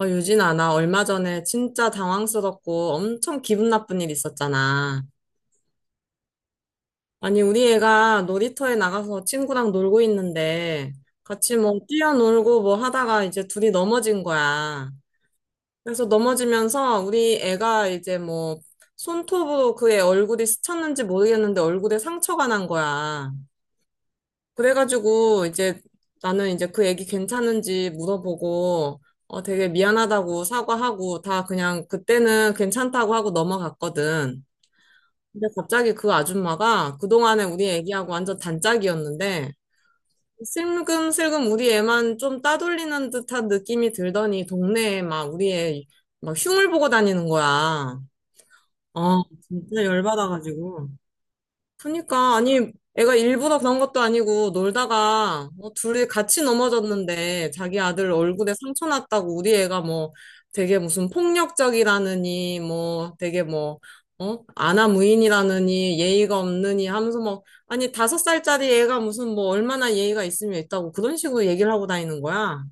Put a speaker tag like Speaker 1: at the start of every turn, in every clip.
Speaker 1: 유진아, 나 얼마 전에 진짜 당황스럽고 엄청 기분 나쁜 일 있었잖아. 아니, 우리 애가 놀이터에 나가서 친구랑 놀고 있는데 같이 뭐 뛰어놀고 뭐 하다가 이제 둘이 넘어진 거야. 그래서 넘어지면서 우리 애가 이제 뭐 손톱으로 그의 얼굴이 스쳤는지 모르겠는데 얼굴에 상처가 난 거야. 그래가지고 이제 나는 이제 그 애기 괜찮은지 물어보고 되게 미안하다고 사과하고 다 그냥 그때는 괜찮다고 하고 넘어갔거든. 근데 갑자기 그 아줌마가 그동안에 우리 애기하고 완전 단짝이었는데 슬금슬금 우리 애만 좀 따돌리는 듯한 느낌이 들더니 동네에 막 우리 애 막 흉을 보고 다니는 거야. 진짜 열받아가지고. 그니까, 아니, 애가 일부러 그런 것도 아니고, 놀다가, 뭐, 둘이 같이 넘어졌는데, 자기 아들 얼굴에 상처 났다고, 우리 애가 뭐, 되게 무슨 폭력적이라느니, 뭐, 되게 뭐, 어? 아나무인이라느니, 예의가 없느니 하면서 뭐, 아니, 5살짜리 애가 무슨 뭐, 얼마나 예의가 있으면 있다고, 그런 식으로 얘기를 하고 다니는 거야.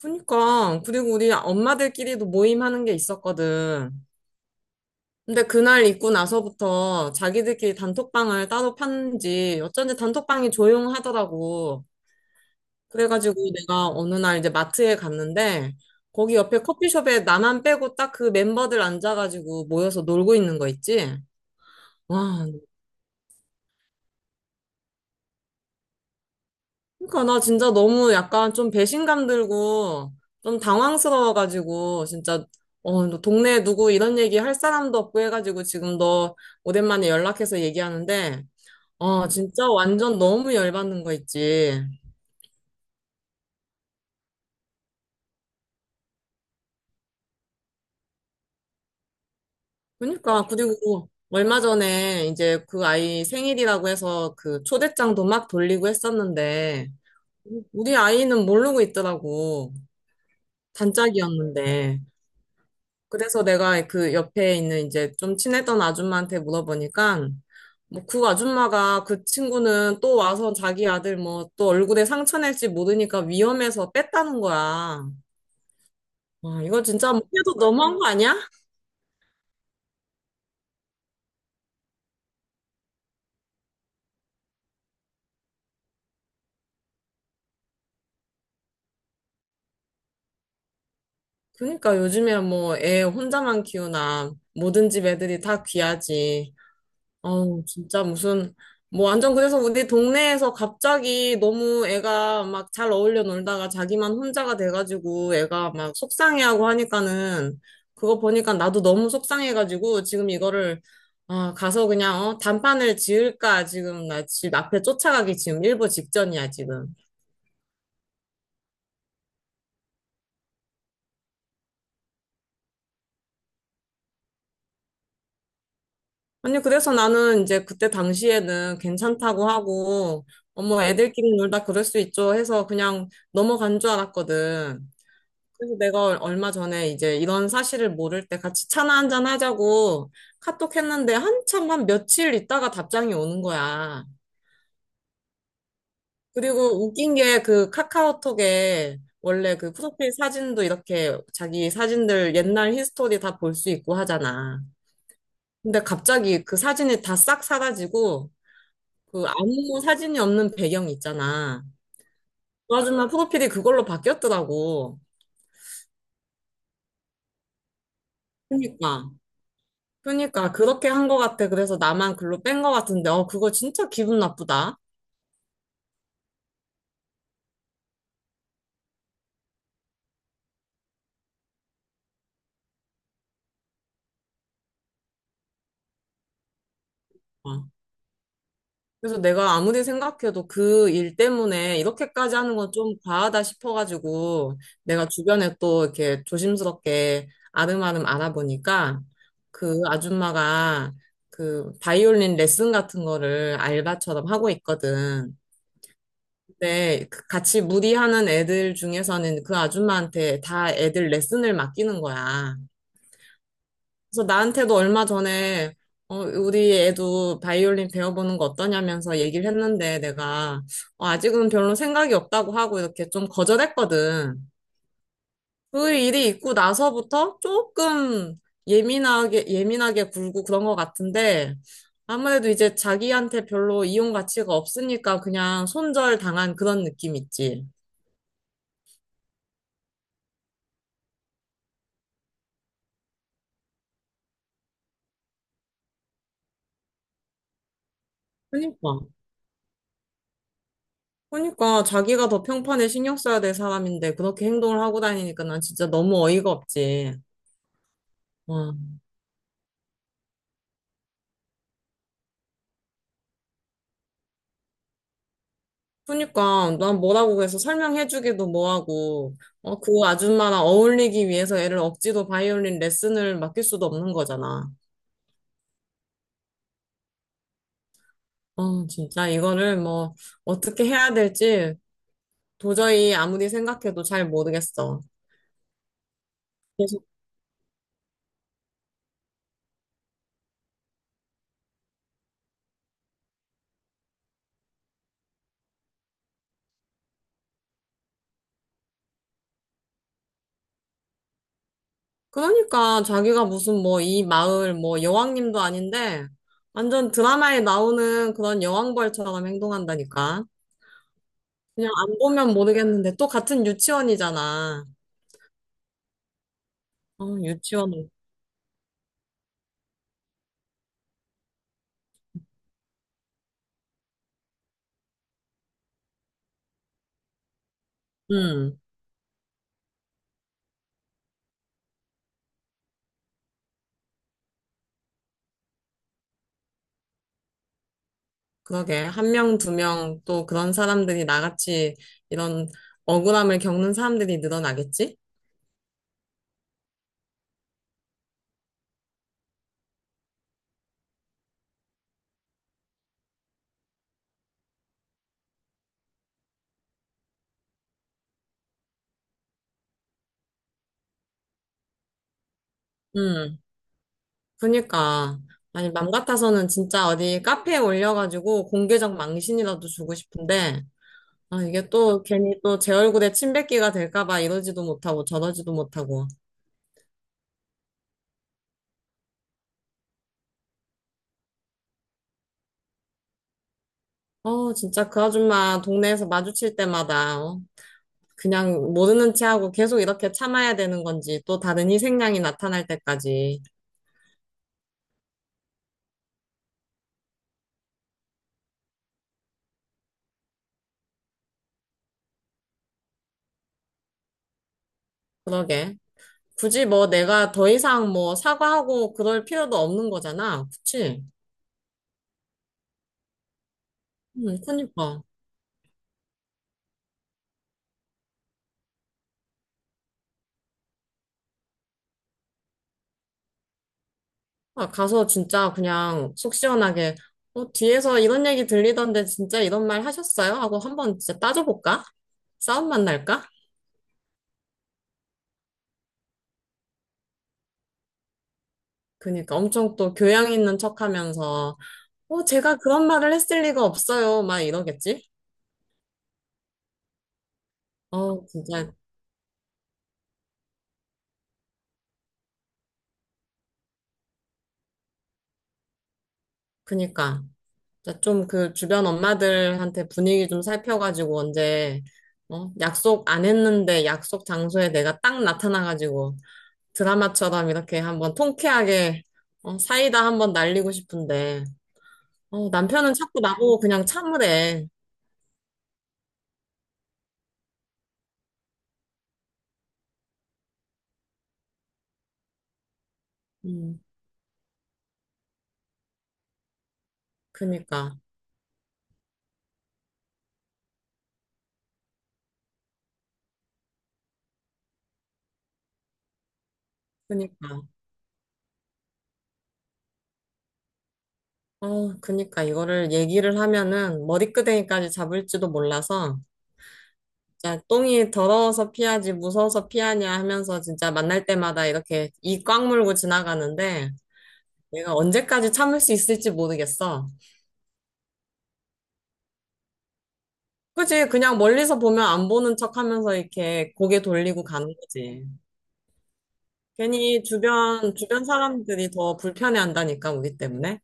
Speaker 1: 그니까, 그리고 우리 엄마들끼리도 모임하는 게 있었거든. 근데 그날 입고 나서부터 자기들끼리 단톡방을 따로 팠는지 어쩐지 단톡방이 조용하더라고. 그래가지고 내가 어느 날 이제 마트에 갔는데 거기 옆에 커피숍에 나만 빼고 딱 그 멤버들 앉아가지고 모여서 놀고 있는 거 있지? 와, 그러니까 나 진짜 너무 약간 좀 배신감 들고 좀 당황스러워가지고 진짜 너 동네에 누구 이런 얘기 할 사람도 없고 해가지고 지금 너 오랜만에 연락해서 얘기하는데 진짜 완전 너무 열받는 거 있지. 그러니까, 그리고 얼마 전에 이제 그 아이 생일이라고 해서 그 초대장도 막 돌리고 했었는데, 우리 아이는 모르고 있더라고. 단짝이었는데. 그래서 내가 그 옆에 있는 이제 좀 친했던 아줌마한테 물어보니까, 뭐 그 아줌마가 그 친구는 또 와서 자기 아들 뭐 또 얼굴에 상처 낼지 모르니까 위험해서 뺐다는 거야. 와, 이거 진짜 뭐 해도 너무한 거 아니야? 그러니까 요즘에 뭐 애 혼자만 키우나 모든 집 애들이 다 귀하지. 어우, 진짜 무슨 뭐 완전 그래서 우리 동네에서 갑자기 너무 애가 막 잘 어울려 놀다가 자기만 혼자가 돼가지고 애가 막 속상해하고 하니까는 그거 보니까 나도 너무 속상해가지고 지금 이거를 아, 가서 그냥 단판을 지을까 지금 나 집 앞에 쫓아가기 지금 일보 직전이야 지금. 아니, 그래서 나는 이제 그때 당시에는 괜찮다고 하고, 어머, 애들끼리 놀다 그럴 수 있죠 해서 그냥 넘어간 줄 알았거든. 그래서 내가 얼마 전에 이제 이런 사실을 모를 때 같이 차나 한잔 하자고 카톡 했는데 한참 한 며칠 있다가 답장이 오는 거야. 그리고 웃긴 게 그 카카오톡에 원래 그 프로필 사진도 이렇게 자기 사진들 옛날 히스토리 다 볼 수 있고 하잖아. 근데 갑자기 그 사진이 다 싹 사라지고, 그 아무 사진이 없는 배경 있잖아. 그 아줌마 프로필이 그걸로 바뀌었더라고. 그니까. 그니까 그렇게 한 것 같아. 그래서 나만 글로 뺀 것 같은데, 그거 진짜 기분 나쁘다. 어. 그래서 내가 아무리 생각해도 그 일 때문에 이렇게까지 하는 건 좀 과하다 싶어가지고, 내가 주변에 또 이렇게 조심스럽게 아름아름 알아보니까, 그 아줌마가 그 바이올린 레슨 같은 거를 알바처럼 하고 있거든. 네, 그 같이 무리하는 애들 중에서는 그 아줌마한테 다 애들 레슨을 맡기는 거야. 그래서 나한테도 얼마 전에 우리 애도 바이올린 배워보는 거 어떠냐면서 얘기를 했는데 내가 아직은 별로 생각이 없다고 하고 이렇게 좀 거절했거든. 그 일이 있고 나서부터 조금 예민하게, 예민하게 굴고 그런 것 같은데 아무래도 이제 자기한테 별로 이용 가치가 없으니까 그냥 손절 당한 그런 느낌 있지. 그니까. 그러니까 자기가 더 평판에 신경 써야 될 사람인데 그렇게 행동을 하고 다니니까 난 진짜 너무 어이가 없지. 어. 그러니까 난 뭐라고 해서 설명해주기도 뭐하고 그 아줌마랑 어울리기 위해서 애를 억지로 바이올린 레슨을 맡길 수도 없는 거잖아. 진짜 이거를 뭐 어떻게 해야 될지 도저히 아무리 생각해도 잘 모르겠어. 그러니까 자기가 무슨 뭐 이 마을 뭐 여왕님도 아닌데 완전 드라마에 나오는 그런 여왕벌처럼 행동한다니까. 그냥 안 보면 모르겠는데 또 같은 유치원이잖아. 어, 유치원. 음, 그러게. 1명, 2명 또 그런 사람들이 나같이 이런 억울함을 겪는 사람들이 늘어나겠지? 음, 그니까. 아니, 맘 같아서는 진짜 어디 카페에 올려가지고 공개적 망신이라도 주고 싶은데 아, 이게 또 괜히 또 제 얼굴에 침 뱉기가 될까 봐 이러지도 못하고 저러지도 못하고. 진짜 그 아줌마 동네에서 마주칠 때마다 그냥 모르는 체하고 계속 이렇게 참아야 되는 건지 또 다른 희생양이 나타날 때까지. 그러게. 굳이 뭐 내가 더 이상 뭐 사과하고 그럴 필요도 없는 거잖아. 그치? 그니까. 아, 가서 진짜 그냥 속 시원하게 뒤에서 이런 얘기 들리던데 진짜 이런 말 하셨어요? 하고 한번 진짜 따져볼까? 싸움만 날까? 그니까 엄청 또 교양 있는 척하면서 제가 그런 말을 했을 리가 없어요 막 이러겠지? 어 진짜 그니까 좀 그 주변 엄마들한테 분위기 좀 살펴가지고 언제 약속 안 했는데 약속 장소에 내가 딱 나타나가지고 드라마처럼 이렇게 한번 통쾌하게 사이다 한번 날리고 싶은데 남편은 자꾸 나보고 그냥 참으래. 음 그니까 그니까 그니까 이거를 얘기를 하면은 머리끄댕이까지 잡을지도 몰라서 진짜 똥이 더러워서 피하지 무서워서 피하냐 하면서 진짜 만날 때마다 이렇게 이 꽉 물고 지나가는데 내가 언제까지 참을 수 있을지 모르겠어. 그지? 그냥 멀리서 보면 안 보는 척 하면서 이렇게 고개 돌리고 가는 거지. 괜히 주변 사람들이 더 불편해 한다니까, 우리 때문에.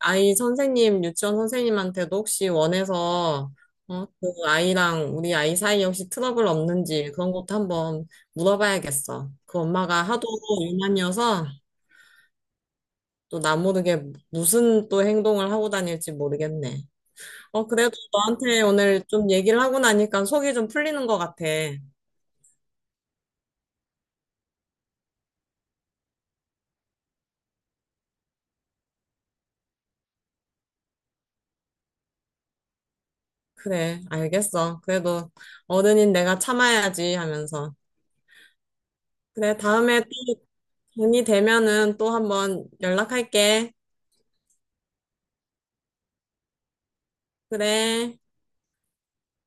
Speaker 1: 아이 선생님, 유치원 선생님한테도 혹시 원해서, 그 아이랑 우리 아이 사이에 혹시 트러블 없는지 그런 것도 한번 물어봐야겠어. 그 엄마가 하도 유난이어서 또 나 모르게 무슨 또 행동을 하고 다닐지 모르겠네. 그래도 너한테 오늘 좀 얘기를 하고 나니까 속이 좀 풀리는 것 같아. 그래, 알겠어. 그래도 어른인 내가 참아야지 하면서. 그래, 다음에 또 돈이 되면은 또 한번 연락할게. 그래.